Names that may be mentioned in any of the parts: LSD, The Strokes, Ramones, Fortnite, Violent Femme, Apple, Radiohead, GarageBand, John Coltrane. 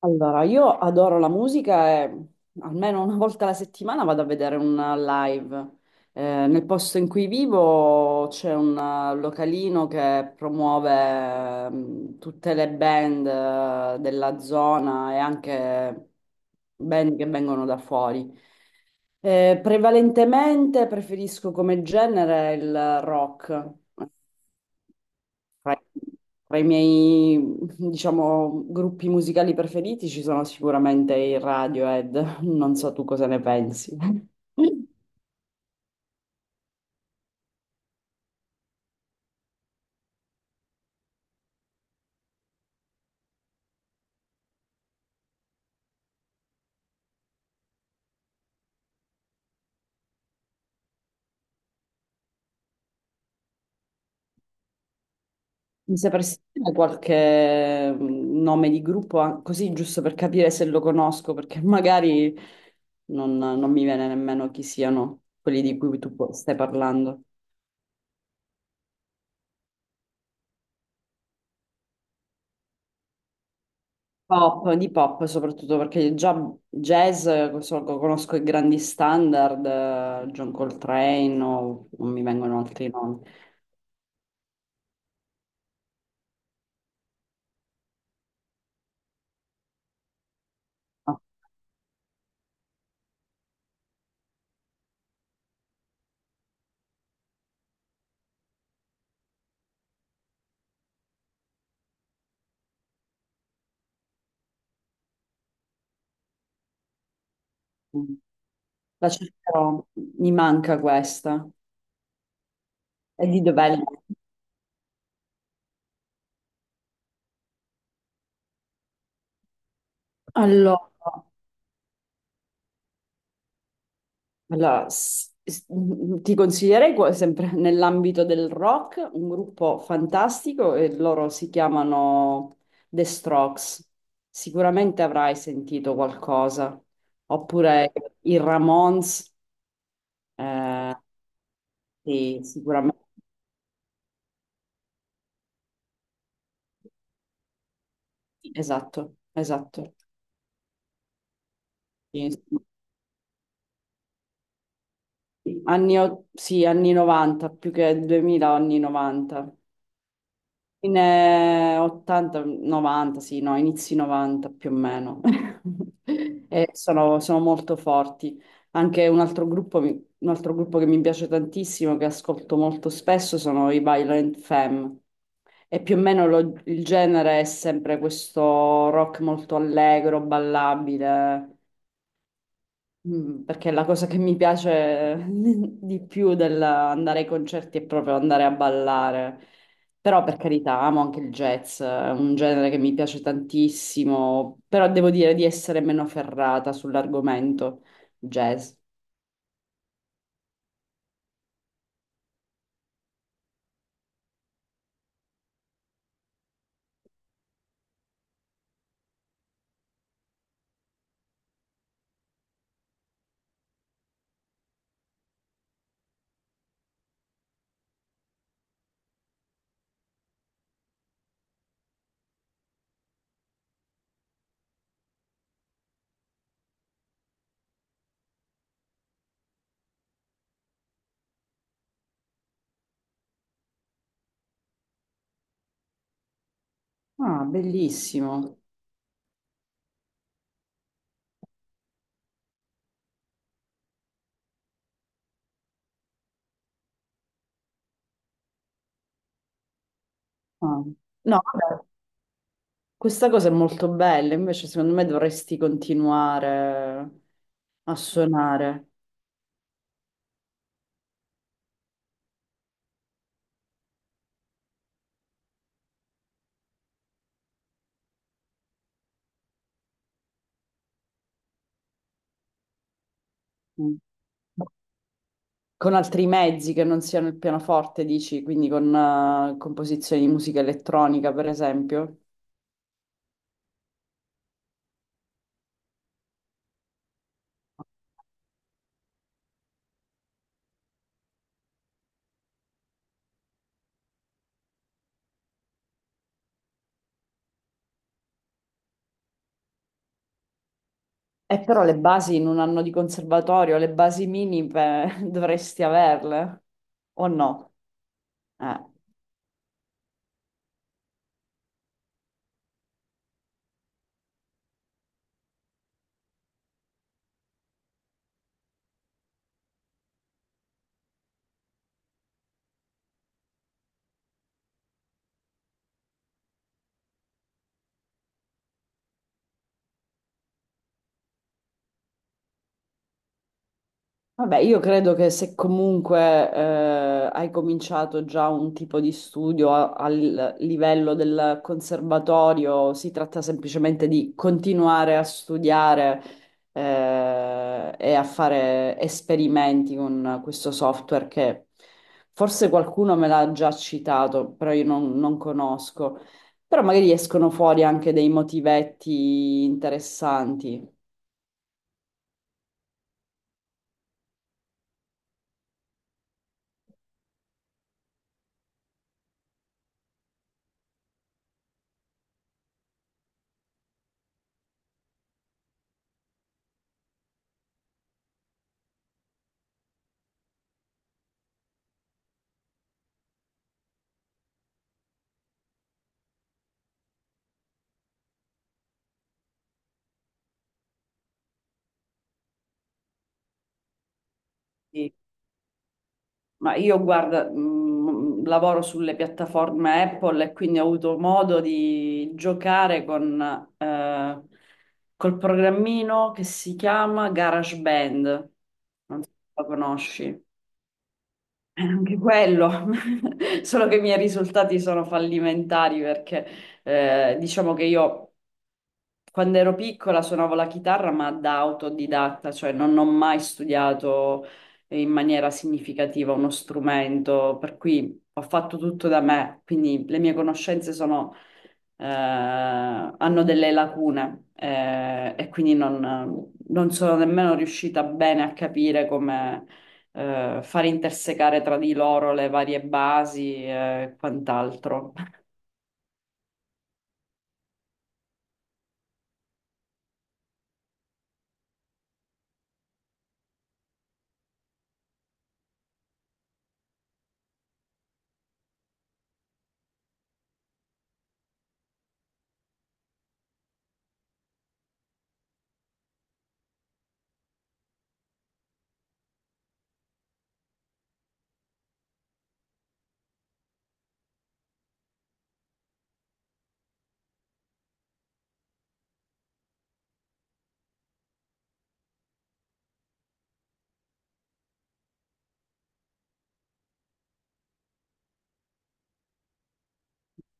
Allora, io adoro la musica e almeno una volta alla settimana vado a vedere un live. Nel posto in cui vivo c'è un localino che promuove tutte le band della zona e anche band che vengono da fuori. Prevalentemente preferisco come genere il rock. Tra tra i miei, diciamo, gruppi musicali preferiti ci sono sicuramente i Radiohead, non so tu cosa ne pensi. Mi sapresti dire qualche nome di gruppo, ah, così giusto per capire se lo conosco, perché magari non mi viene nemmeno chi siano quelli di cui stai parlando. Pop, di pop soprattutto perché già jazz, conosco i grandi standard, John Coltrane o non mi vengono altri nomi. Ma, mm, la cercherò, mi manca questa. E di dov'è? Allora, Allora, ti consiglierei sempre nell'ambito del rock un gruppo fantastico e loro si chiamano The Strokes. Sicuramente avrai sentito qualcosa. Oppure i Ramones, sì, sicuramente. Esatto, esatto. Sì, sì. Sì, anni 90, più che 2000, anni 90. In 80, 90, sì, no, inizi 90 più o meno. Sono molto forti. Anche un altro un altro gruppo che mi piace tantissimo, che ascolto molto spesso, sono i Violent Femme. E più o meno il genere è sempre questo rock molto allegro, ballabile. Perché la cosa che mi piace di più dell'andare ai concerti è proprio andare a ballare. Però per carità, amo anche il jazz, è un genere che mi piace tantissimo, però devo dire di essere meno ferrata sull'argomento jazz. Ah, bellissimo. Ah. No, vabbè, questa cosa è molto bella, invece secondo me dovresti continuare a suonare. Mm. Con altri mezzi che non siano il pianoforte, dici, quindi con composizioni di musica elettronica, per esempio. E però le basi in un anno di conservatorio, le basi minime dovresti averle, o no? Eh. Vabbè, io credo che se comunque hai cominciato già un tipo di studio al livello del conservatorio, si tratta semplicemente di continuare a studiare e a fare esperimenti con questo software che forse qualcuno me l'ha già citato, però io non conosco. Però magari escono fuori anche dei motivetti interessanti. Ma io guarda, lavoro sulle piattaforme Apple e quindi ho avuto modo di giocare con, eh, col programmino che si chiama GarageBand. Non so se lo conosci. Anche quello, solo che i miei risultati sono fallimentari perché diciamo che io quando ero piccola suonavo la chitarra, ma da autodidatta, cioè non ho mai studiato in maniera significativa uno strumento, per cui ho fatto tutto da me, quindi le mie conoscenze hanno delle lacune, e quindi non sono nemmeno riuscita bene a capire come, far intersecare tra di loro le varie basi e quant'altro.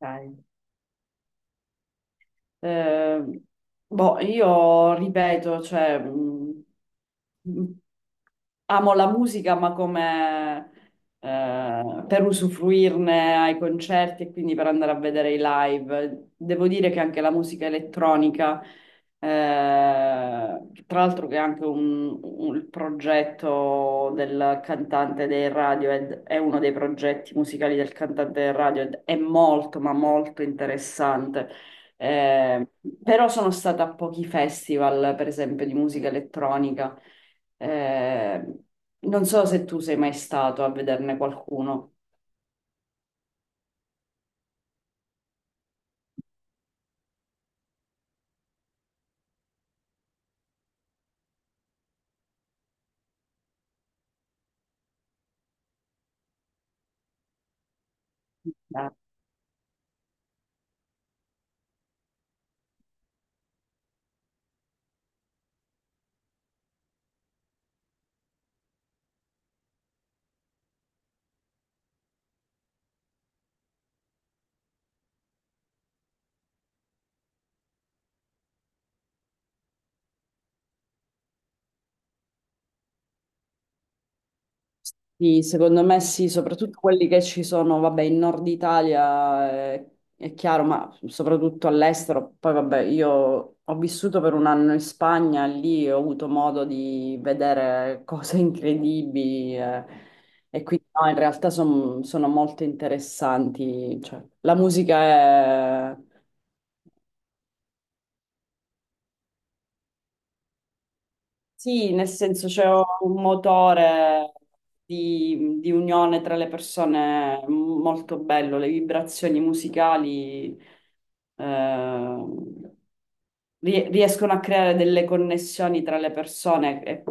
Ok. Eh, boh, io ripeto, cioè, mh, amo la musica, ma come per usufruirne ai concerti e quindi per andare a vedere i live. Devo dire che anche la musica elettronica, tra l'altro che è anche il progetto del cantante dei Radiohead, è uno dei progetti musicali del cantante dei Radiohead, è molto, ma molto interessante. Eh, però sono stata a pochi festival, per esempio, di musica elettronica. Eh, non so se tu sei mai stato a vederne qualcuno. Eh, Sì, secondo me sì, soprattutto quelli che ci sono, vabbè, in Nord Italia, è, chiaro, ma soprattutto all'estero. Poi, vabbè, io ho vissuto per un anno in Spagna, lì ho avuto modo di vedere cose incredibili, e quindi no, in realtà sono molto interessanti. Cioè, la musica è... Sì, nel senso c'è un motore di unione tra le persone molto bello, le vibrazioni musicali eh, riescono a creare delle connessioni tra le persone e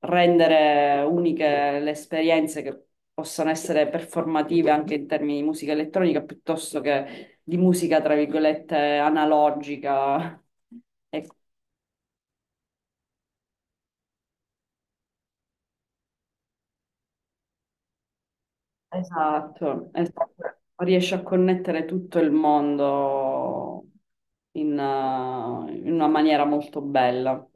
rendere uniche le esperienze che possono essere performative anche in termini di musica elettronica piuttosto che di musica, tra virgolette, analogica. E... Esatto, esatto. Riesce a connettere tutto il mondo in una maniera molto bella.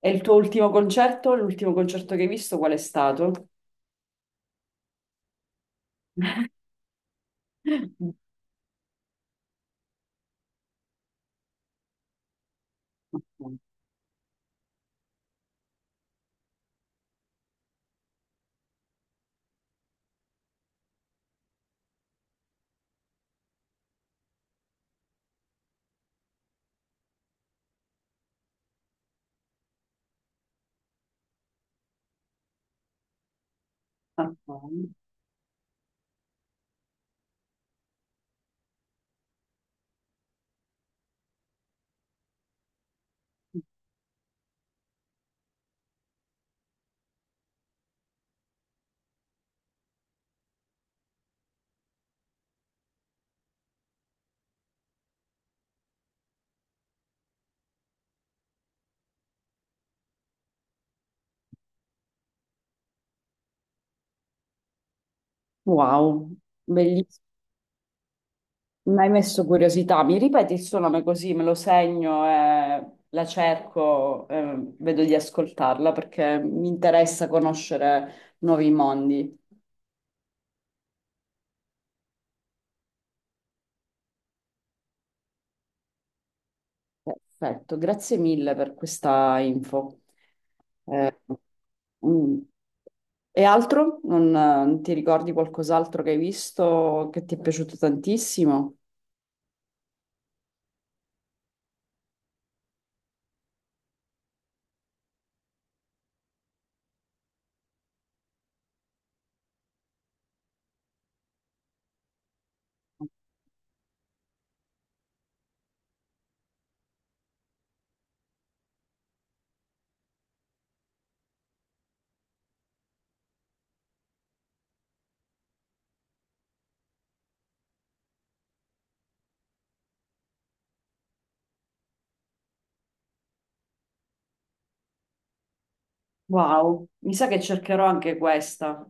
E il tuo ultimo concerto, l'ultimo concerto che hai visto, qual è stato? Wow, bellissimo. Mi hai messo curiosità. Mi ripeti il suo nome così me lo segno e la cerco, vedo di ascoltarla perché mi interessa conoscere nuovi mondi. Perfetto, grazie mille per questa info. Eh, mm. E altro? Non ti ricordi qualcos'altro che hai visto che ti è piaciuto tantissimo? Wow, mi sa che cercherò anche questa.